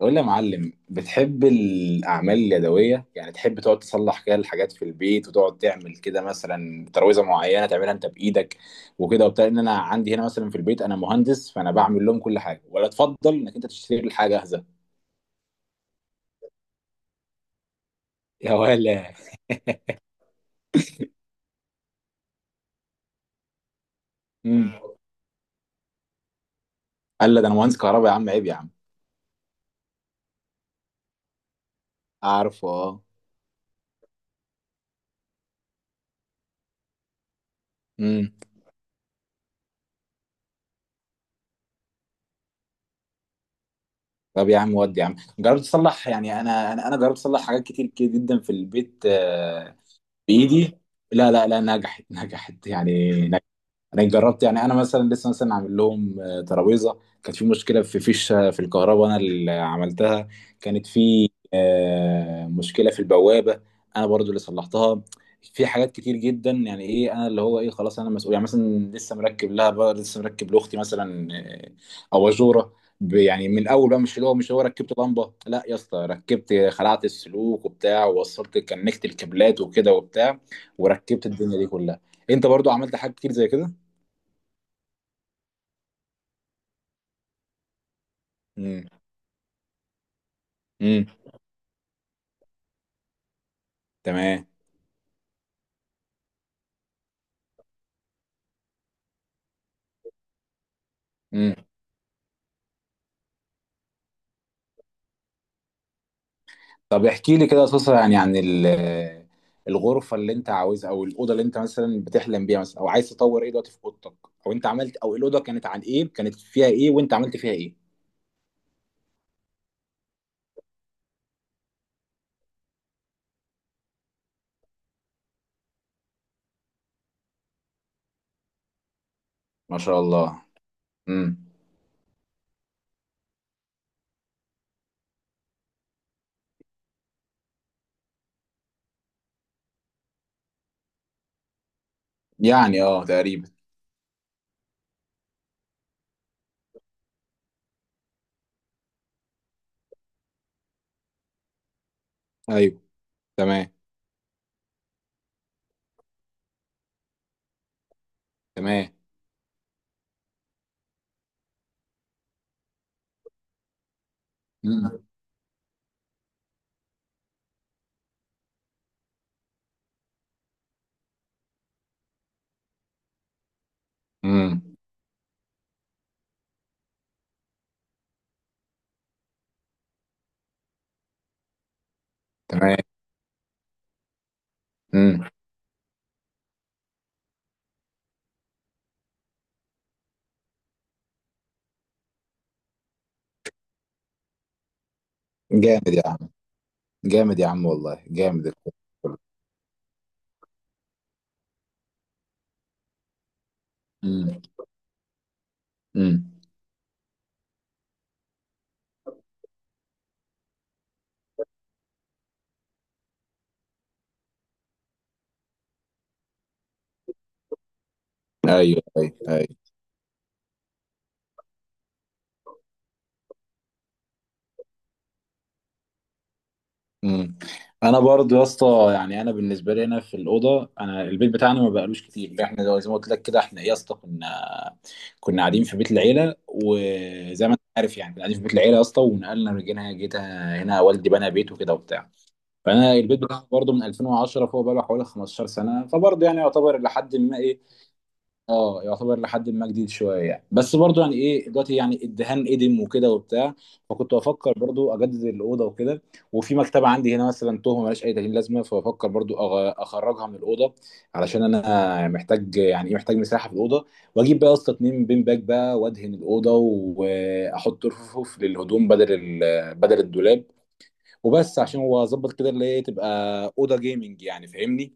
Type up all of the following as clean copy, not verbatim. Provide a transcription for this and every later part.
قول لي يا معلم، بتحب الأعمال اليدوية؟ يعني تحب تقعد تصلح كده الحاجات في البيت وتقعد تعمل كده، مثلا ترويزة معينة تعملها أنت بإيدك وكده وبتاع؟ إن أنا عندي هنا مثلا في البيت، أنا مهندس فأنا بعمل لهم كل حاجة، ولا تفضل إنك أنت تشتري لي حاجة جاهزة؟ يا ولا. امم. قال لا، ده أنا مهندس كهرباء يا عم، عيب يا عم. عارفه، اه. امم. طب يا عم، ودي يا عم جربت تصلح؟ يعني أنا جربت أصلح حاجات كتير كده جدا في البيت، بإيدي. لا، لا، لا، نجحت نجحت يعني. انا جربت، يعني انا مثلا لسه مثلا عامل لهم ترابيزه كانت في مشكله في فيشه في الكهرباء، انا اللي عملتها. كانت في مشكله في البوابه. انا برضو اللي صلحتها. في حاجات كتير جدا، يعني ايه انا اللي هو ايه، خلاص انا مسؤول، يعني مثلا لسه مركب لها بقى، لسه مركب لاختي مثلا. اباجوره. يعني من الاول بقى، مش اللي هو مش هو ركبت لمبه، لا يا اسطى، ركبت خلعت السلوك وبتاع ووصلت كنكت الكابلات وكده وبتاع. وركبت الدنيا دي كلها. انت برضو عملت حاجات كتير زي كده؟ امم. امم. تمام. امم. طب احكي لي كده قصص، يعني عن الغرفه اللي انت عاوزها، او الاوضه اللي انت مثلا بتحلم بيها مثلا، او عايز تطور ايه دلوقتي في اوضتك، او انت عملت، او الاوضه كانت عن ايه، كانت فيها ايه وانت عملت فيها ايه؟ ما شاء الله. امم. يعني اه تقريبا. ايوه. تمام. تمام. امم. امم. تمام. امم. جامد يا عم، جامد يا عم والله، جامد. امم. امم. ايوه، ايوه، ايوه. امم. انا برضو يا اسطى، يعني انا بالنسبه لي هنا في الاوضه، انا البيت بتاعنا ما بقالوش كتير، احنا زي ما قلت لك كده، احنا إيه يا اسطى، كنا قاعدين في بيت العيله، وزي ما انت عارف يعني كنا قاعدين في بيت العيله يا اسطى، ونقلنا، رجعنا، جيت هنا والدي بنى بيت وكده وبتاع. فانا البيت بتاعي برضو من 2010، فهو بقى له حوالي 15 سنه، فبرضو يعني يعتبر لحد ما ايه، اه يعتبر لحد ما جديد شويه يعني، بس برضو يعني ايه، دلوقتي يعني الدهان قدم وكده وبتاع. فكنت بفكر برضو اجدد الاوضه وكده. وفي مكتبه عندي هنا مثلا تهمه ملهاش اي تهيئه لازمه، فبفكر برضو اخرجها من الاوضه. علشان انا محتاج يعني ايه، محتاج مساحه في الاوضه. واجيب بقى يا اسطى 2 بين باك بقى، وادهن الاوضه، واحط رفوف للهدوم بدل الدولاب. وبس عشان هو اظبط كده، اللي هي تبقى اوضه جيمنج يعني، فاهمني؟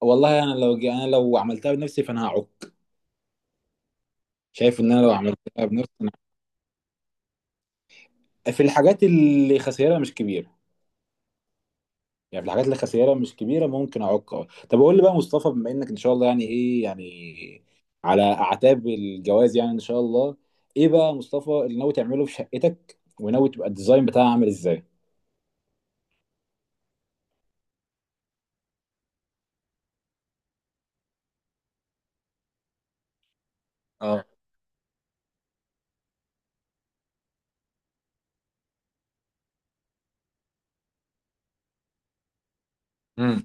والله انا لو عملتها بنفسي فانا هعك. شايف ان انا لو عملتها بنفسي. في الحاجات اللي خسائرها مش كبيره. يعني في الحاجات اللي خسائرها مش كبيره ممكن اعوق. اه. طب قول لي بقى مصطفى، بما انك ان شاء الله يعني ايه، يعني على اعتاب الجواز يعني ان شاء الله. ايه بقى مصطفى اللي ناوي تعمله في شقتك؟ وناوي تبقى الديزاين بتاعها عامل ازاي؟ اه. امم.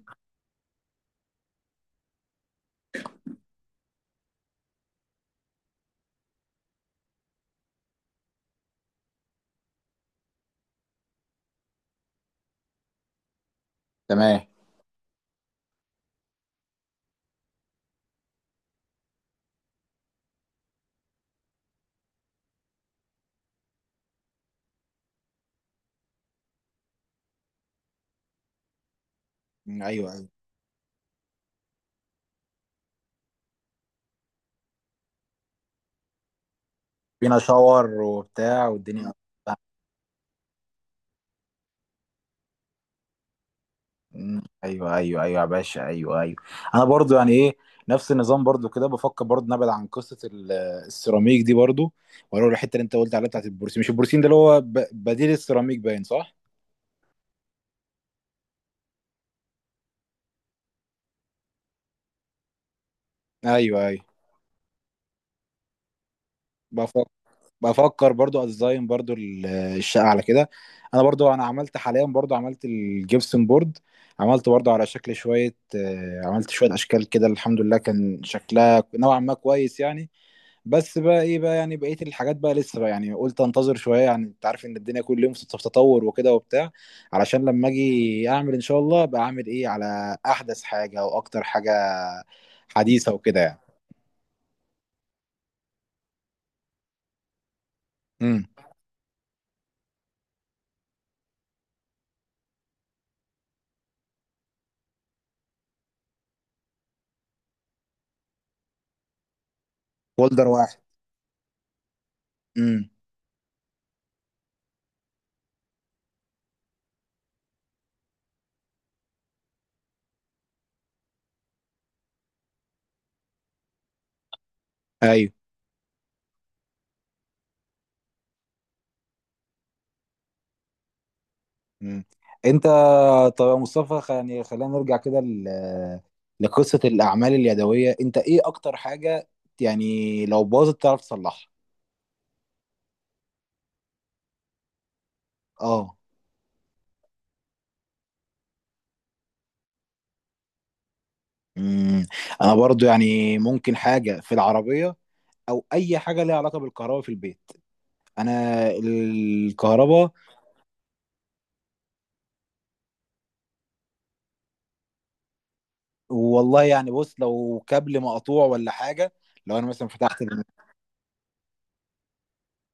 تمام. أمم، ايوه، ايوه. فينا شاور وبتاع والدنيا. مم. ايوه، ايوه، ايوه يا باشا، ايوه، ايوه. انا برضو يعني ايه، نفس النظام برضو كده، بفكر برضو نبعد عن قصه السيراميك دي برضو. واروح الحته اللي انت قلت عليها، بتاعت البروسيم، مش البروسيم ده اللي هو بديل السيراميك، باين صح؟ ايوه، ايوه. بفكر بفكر برضو اديزاين برضو الشقه على كده. انا برضو، انا عملت حاليا برضو عملت الجبسن بورد. عملت برضو على شكل شويه، عملت شويه اشكال كده، الحمد لله كان شكلها نوعا ما كويس يعني. بس بقى ايه بقى، يعني بقيه الحاجات بقى لسه بقى، يعني قلت انتظر شويه، يعني انت عارف ان الدنيا كل يوم في تطور وكده وبتاع. علشان لما اجي اعمل ان شاء الله، ابقى اعمل ايه على احدث حاجه واكتر حاجه حديثه وكده يعني. امم. فولدر واحد. امم. ايوه. امم. انت. طب يا مصطفى، يعني خلينا نرجع كده لقصه الاعمال اليدويه، انت ايه اكتر حاجه، يعني لو باظت تعرف تصلحها؟ اه. امم. انا برضو يعني ممكن حاجه في العربيه، او اي حاجه ليها علاقه بالكهرباء في البيت، انا الكهرباء. والله يعني بص، لو كابل مقطوع ولا حاجه. لو انا مثلا فتحت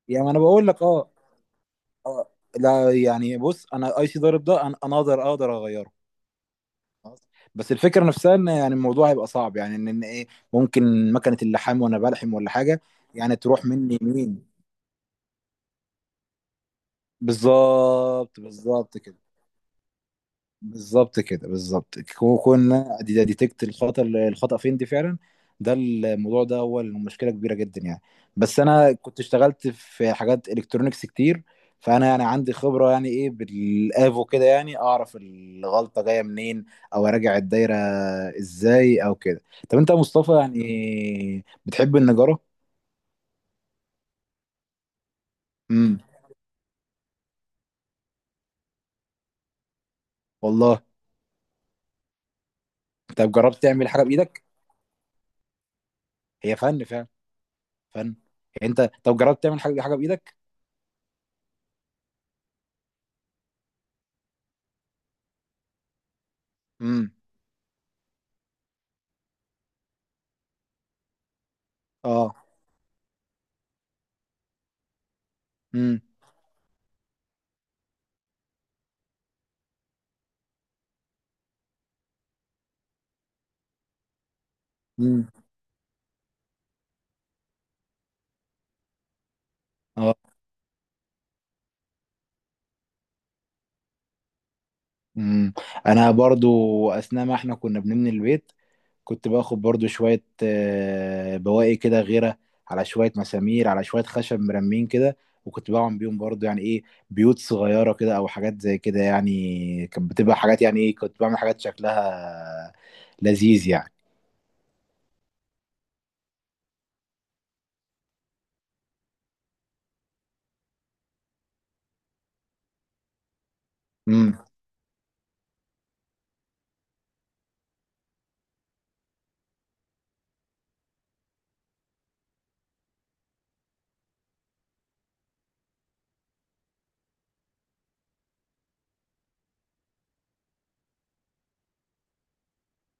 يعني انا بقول لك اه. آه، لا، يعني بص، انا اي سي ضارب ده انا اقدر اغيره. بس الفكره نفسها، ان يعني الموضوع هيبقى صعب، يعني ان ايه، ممكن مكنه اللحام وانا بلحم ولا حاجه. يعني تروح مني يمين. بالظبط، بالظبط كده، بالظبط كده، بالظبط كنا دي ديتكت الخطأ، الخطأ فين دي فعلا. ده الموضوع ده هو المشكلة كبيرة جدا يعني. بس انا كنت اشتغلت في حاجات الكترونيكس كتير. فانا يعني عندي خبرة، يعني ايه بالافو كده، يعني اعرف الغلطة جاية منين، او اراجع الدايرة ازاي او كده. طب انت يا مصطفى، يعني بتحب النجارة؟ امم. والله. طب جربت تعمل حاجة بايدك؟ هي فن فعلا. فن يعني. انت طب جربت تعمل حاجة بايدك؟ امم. اه. مم. مم. اه. مم. انا برضو، اثناء ما احنا كنا بنبني البيت، كنت باخد برضو شوية بواقي كده غيرة، على شوية مسامير، على شوية خشب مرمين كده. وكنت بعمل بيهم برضو يعني ايه، بيوت صغيرة كده او حاجات زي كده، يعني كانت بتبقى حاجات يعني ايه، كنت بعمل حاجات شكلها لذيذ يعني. مم.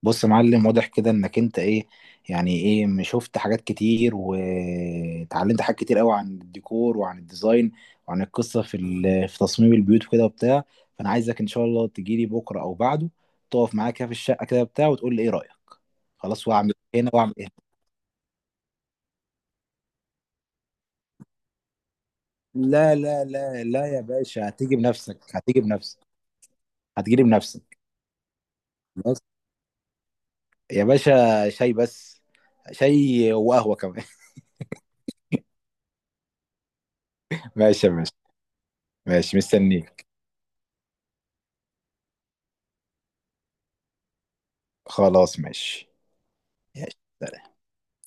بص يا معلم، واضح كده انك انت ايه، يعني ايه، شفت حاجات كتير وتعلمت حاجات كتير قوي عن الديكور وعن الديزاين، وعن القصه في تصميم البيوت وكده وبتاع. فانا عايزك ان شاء الله تجيلي بكره او بعده، تقف معايا كده في الشقه كده بتاع وتقول لي ايه رايك. خلاص، واعمل هنا واعمل هنا. لا، لا، لا، لا، يا باشا، هتيجي بنفسك، هتيجي بنفسك. هتجيلي بنفسك. خلاص. يا باشا شاي بس. شاي وقهوه كمان. ماشي يا باشا. ماشي، مستنيك. خلاص، ماشي، ماشي.